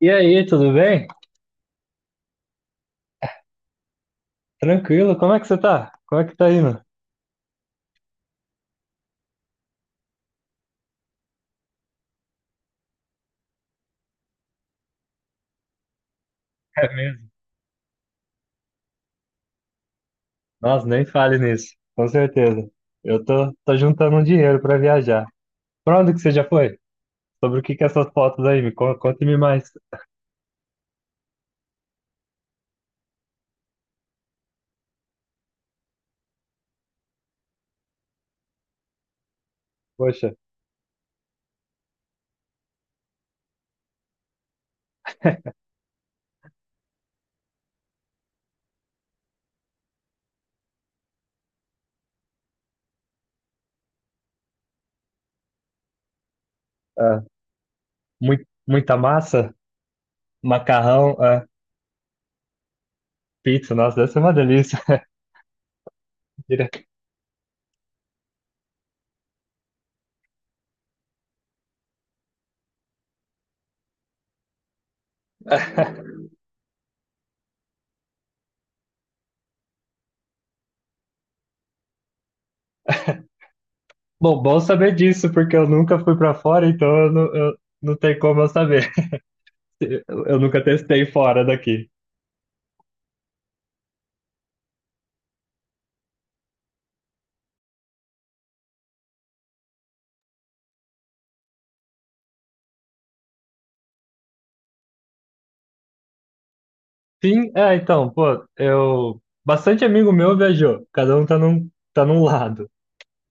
E aí, tudo bem? Tranquilo, como é que você tá? Como é que tá indo? É mesmo? Nossa, nem fale nisso, com certeza. Eu tô juntando um dinheiro pra viajar. Pra onde que você já foi? Sobre o que que é essas fotos aí? Conte-me mais. Poxa, é, muita massa, macarrão, é, pizza, nossa, deve ser uma delícia. Diria- Bom, bom saber disso, porque eu nunca fui pra fora, então eu não tenho como eu saber. Eu nunca testei fora daqui. Sim, é, então, pô, eu. Bastante amigo meu viajou, cada um tá num lado.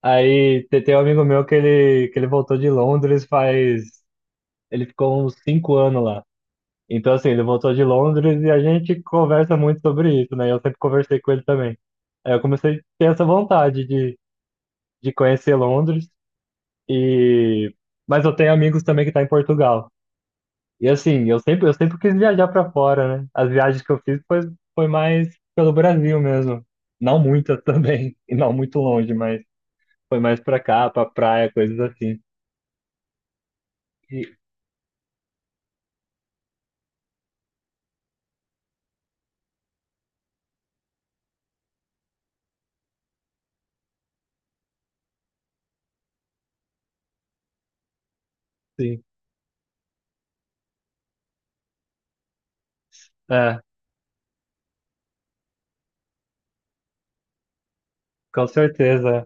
Aí tem um amigo meu que ele voltou de Londres faz. Ele ficou uns 5 anos lá. Então, assim, ele voltou de Londres e a gente conversa muito sobre isso, né? Eu sempre conversei com ele também. Aí eu comecei a ter essa de conhecer Londres e. Mas eu tenho amigos também que tá em Portugal. E assim, eu sempre quis viajar pra fora, né? As viagens que eu foi mais pelo Brasil mesmo. Não muitas também, e não muito longe, mas foi mais pra cá, pra praia, coisas assim. E, sim, é, com certeza.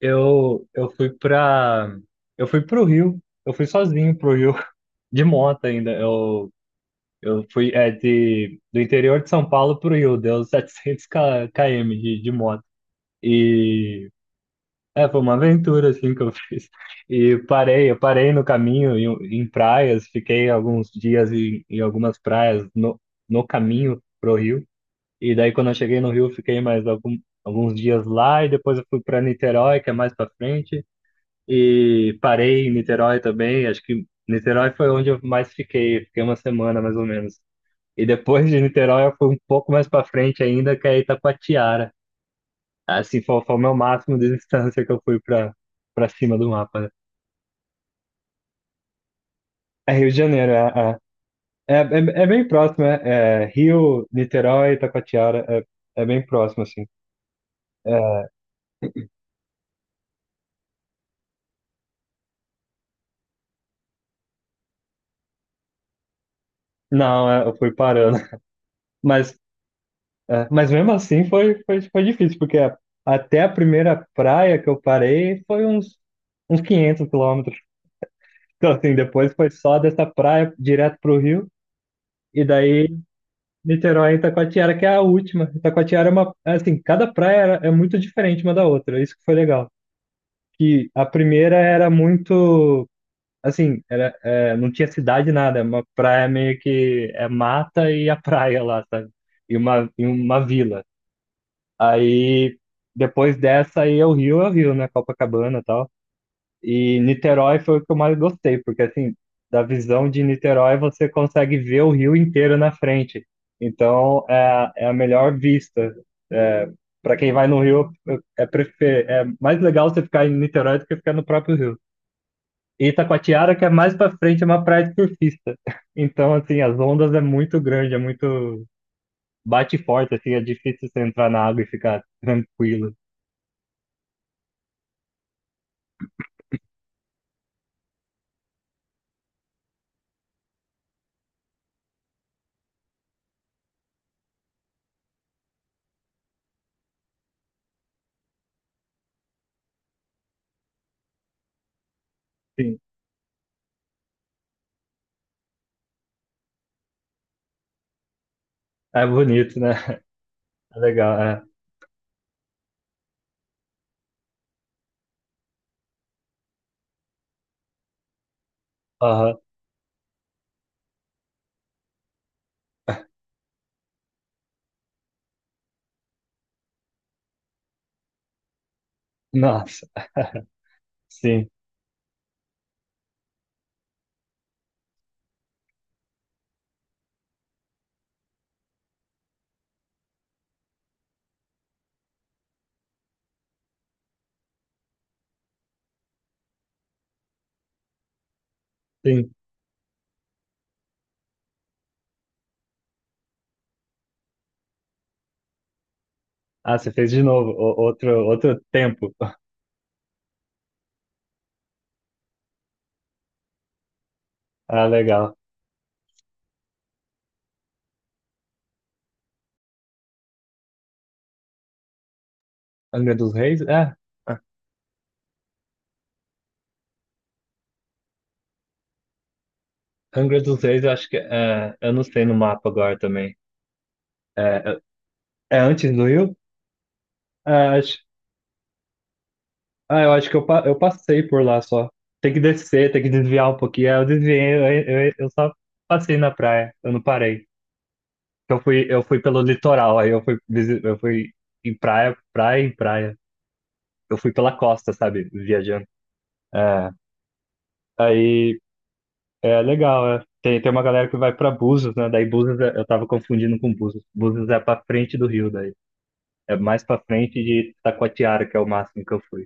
Eu fui pra. Eu fui pro Rio. Eu fui sozinho pro Rio, de moto ainda. Eu fui é, de, do interior de São Paulo pro Rio, deu 700 km de moto. E. É, foi uma aventura assim que eu fiz. Eu parei no caminho em, em praias, fiquei alguns dias em, em algumas praias no, no caminho pro Rio. E daí quando eu cheguei no Rio, alguns dias lá e depois eu fui para Niterói, que é mais para frente, e parei em Niterói também. Acho que Niterói foi onde eu mais fiquei, fiquei 1 semana mais ou menos. E depois de Niterói eu fui um pouco mais para frente ainda, que é Itacoatiara. Assim, foi o meu máximo de distância que eu fui pra, pra cima do mapa, né? É Rio de Janeiro, é bem próximo, é, é Rio, Niterói, Itacoatiara, é, é bem próximo, assim. É, não, é, eu fui parando. Mas, é, mas mesmo assim foi, foi, foi difícil, porque até a primeira praia que eu parei uns 500 quilômetros. Então, assim, depois foi só dessa praia direto pro rio, e daí Niterói e Itacoatiara, que é a última. Itacoatiara é uma, assim, é muito diferente uma da outra. Isso que foi legal. Que a primeira era muito, assim, era, é, não tinha cidade nada, é uma praia meio que é mata e a praia lá, sabe? E uma vila. Aí depois dessa aí é o Rio, né? Copacabana e tal. E Niterói foi o que eu mais gostei, porque assim, da visão de Niterói você consegue ver o rio inteiro na frente. Então é, é a melhor vista. É, para quem vai no Rio, é, prefer... é mais legal você ficar em Niterói do que ficar no próprio Rio. E Itacoatiara, que é mais para frente, é uma praia de surfista. Então, assim, as ondas é muito grande, é muito. Bate forte, assim, é difícil você entrar na água e ficar tranquilo. Sim, é bonito, né? É legal, é. Aham. Nossa. Sim, sim. Ah, você fez de novo, outro, outro tempo. Ah, legal. Angra dos Reis? É. Ah, Angra dos Reis, eu acho que é. Eu não sei no mapa agora também. É, é antes do Rio? É, acho, ah, eu acho que eu, eu passei por lá só. Tem que descer, tem que desviar um pouquinho. Aí eu desviei, eu só passei na praia, eu não parei. Eu fui pelo litoral, aí eu fui, eu fui em praia, praia em praia. Eu fui pela costa, sabe? Viajando. É, aí. É legal, é. Tem, tem uma galera que vai pra Búzios, né? Daí Búzios, é- eu tava confundindo com Búzios. Búzios é pra frente do Rio, daí. É mais pra frente de Taquatiara, que é o máximo que eu fui.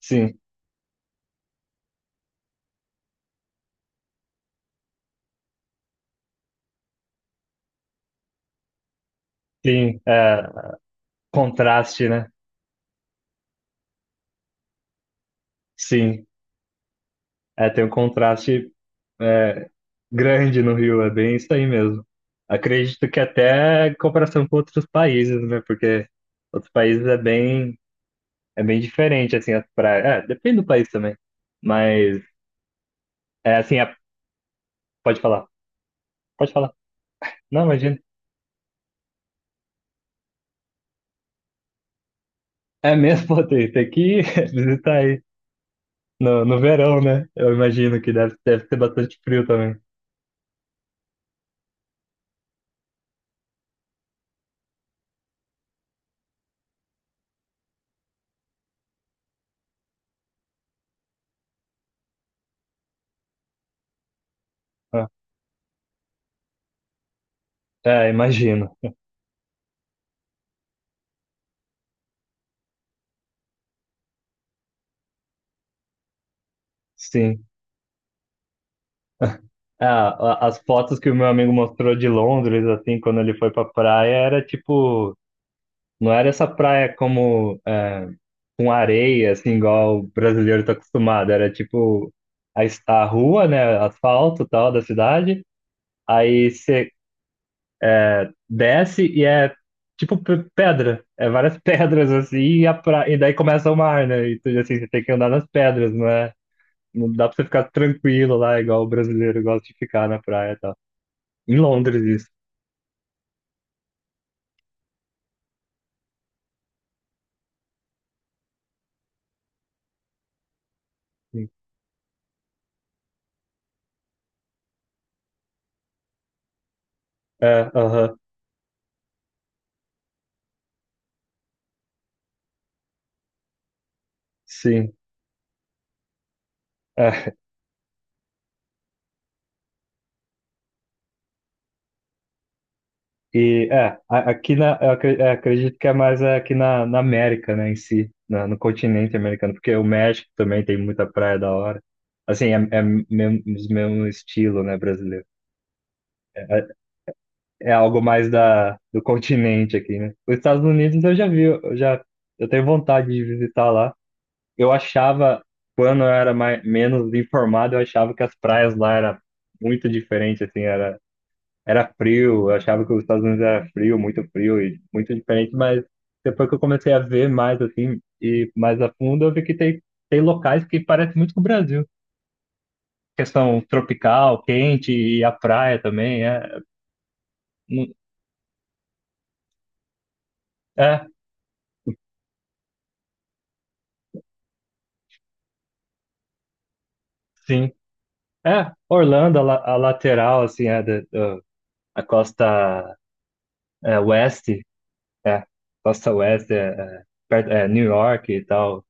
Sim, sim, é, contraste, né? Sim, é, tem um contraste é, grande no Rio, é bem isso aí mesmo. Acredito que até em comparação com outros países, né? Porque outros países é bem diferente, assim, as praias. É, depende do país também. Mas, é assim, é- pode falar, pode falar. Não, imagina. É mesmo, pô, tem, tem que ir visitar aí no, no verão, né? Eu imagino que deve ser bastante frio também. Ah, é, imagino. Sim. Ah, as fotos que o meu amigo mostrou de Londres, assim, quando ele foi pra praia, era tipo. Não era essa praia como é, com areia, assim, igual o brasileiro tá acostumado. Era tipo a, a rua, né? Asfalto e tal da cidade. Aí desce e é tipo pedra. É várias pedras assim, e, a pra... e daí começa o mar, né? E tu, assim, você tem que andar nas pedras, não é? Não dá pra você ficar tranquilo lá, igual o brasileiro gosta de ficar na praia e tal. Em Londres, isso. Sim. É, aham, sim. É, aqui na, é, acredito que é mais é, aqui na, na América, né, em si, no continente americano, porque o México também tem muita praia da hora. Assim, é, é mesmo, mesmo estilo, né, brasileiro. É, é algo mais da, do continente aqui, né? Os Estados Unidos eu já vi, eu já eu tenho vontade de visitar lá. Eu achava, quando eu era mais, menos informado, eu achava que as praias lá era muito diferente, assim, era, era frio, eu achava que os Estados Unidos era frio, muito frio e muito diferente, mas depois que eu comecei a ver mais, assim, e mais a fundo, eu vi que tem, tem locais que parecem muito com o Brasil. Questão tropical, quente e a praia também, é, é, sim. É, Orlando, a, a lateral, assim, é, a costa é, oeste, é, costa oeste, é, é, é, New York e tal,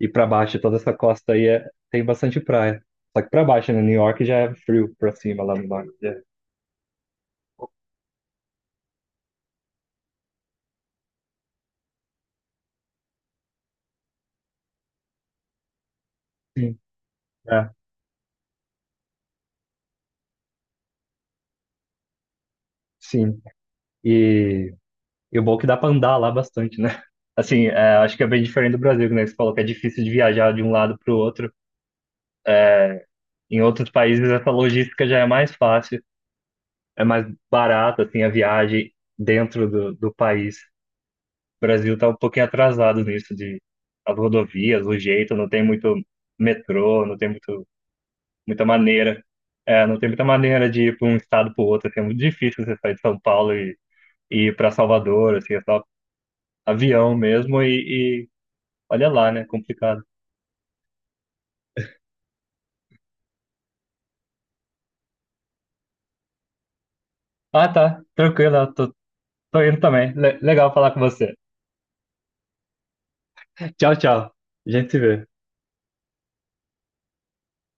e pra baixo, toda essa costa aí tem bastante praia. Só que pra baixo, né, New York já é frio pra cima, lá no norte. É. Sim, é, sim. E, e o bom é que dá pra andar lá bastante, né? Assim, é, acho que é bem diferente do Brasil, né? Você falou que é difícil de viajar de um lado pro outro. Em outros países, essa logística já é mais fácil. É mais barata assim a viagem dentro do, do país. O Brasil está um pouquinho atrasado nisso de as rodovias, o jeito, não tem muito metrô, não tem muito, muita maneira, é, não tem muita maneira de ir para um estado para o outro, assim, é muito difícil você sair de São Paulo e ir para Salvador, assim, é só avião mesmo e olha lá, né, complicado. Ah, tá, tranquilo, eu tô, tô indo também. Legal falar com você. Tchau, tchau. A gente se vê.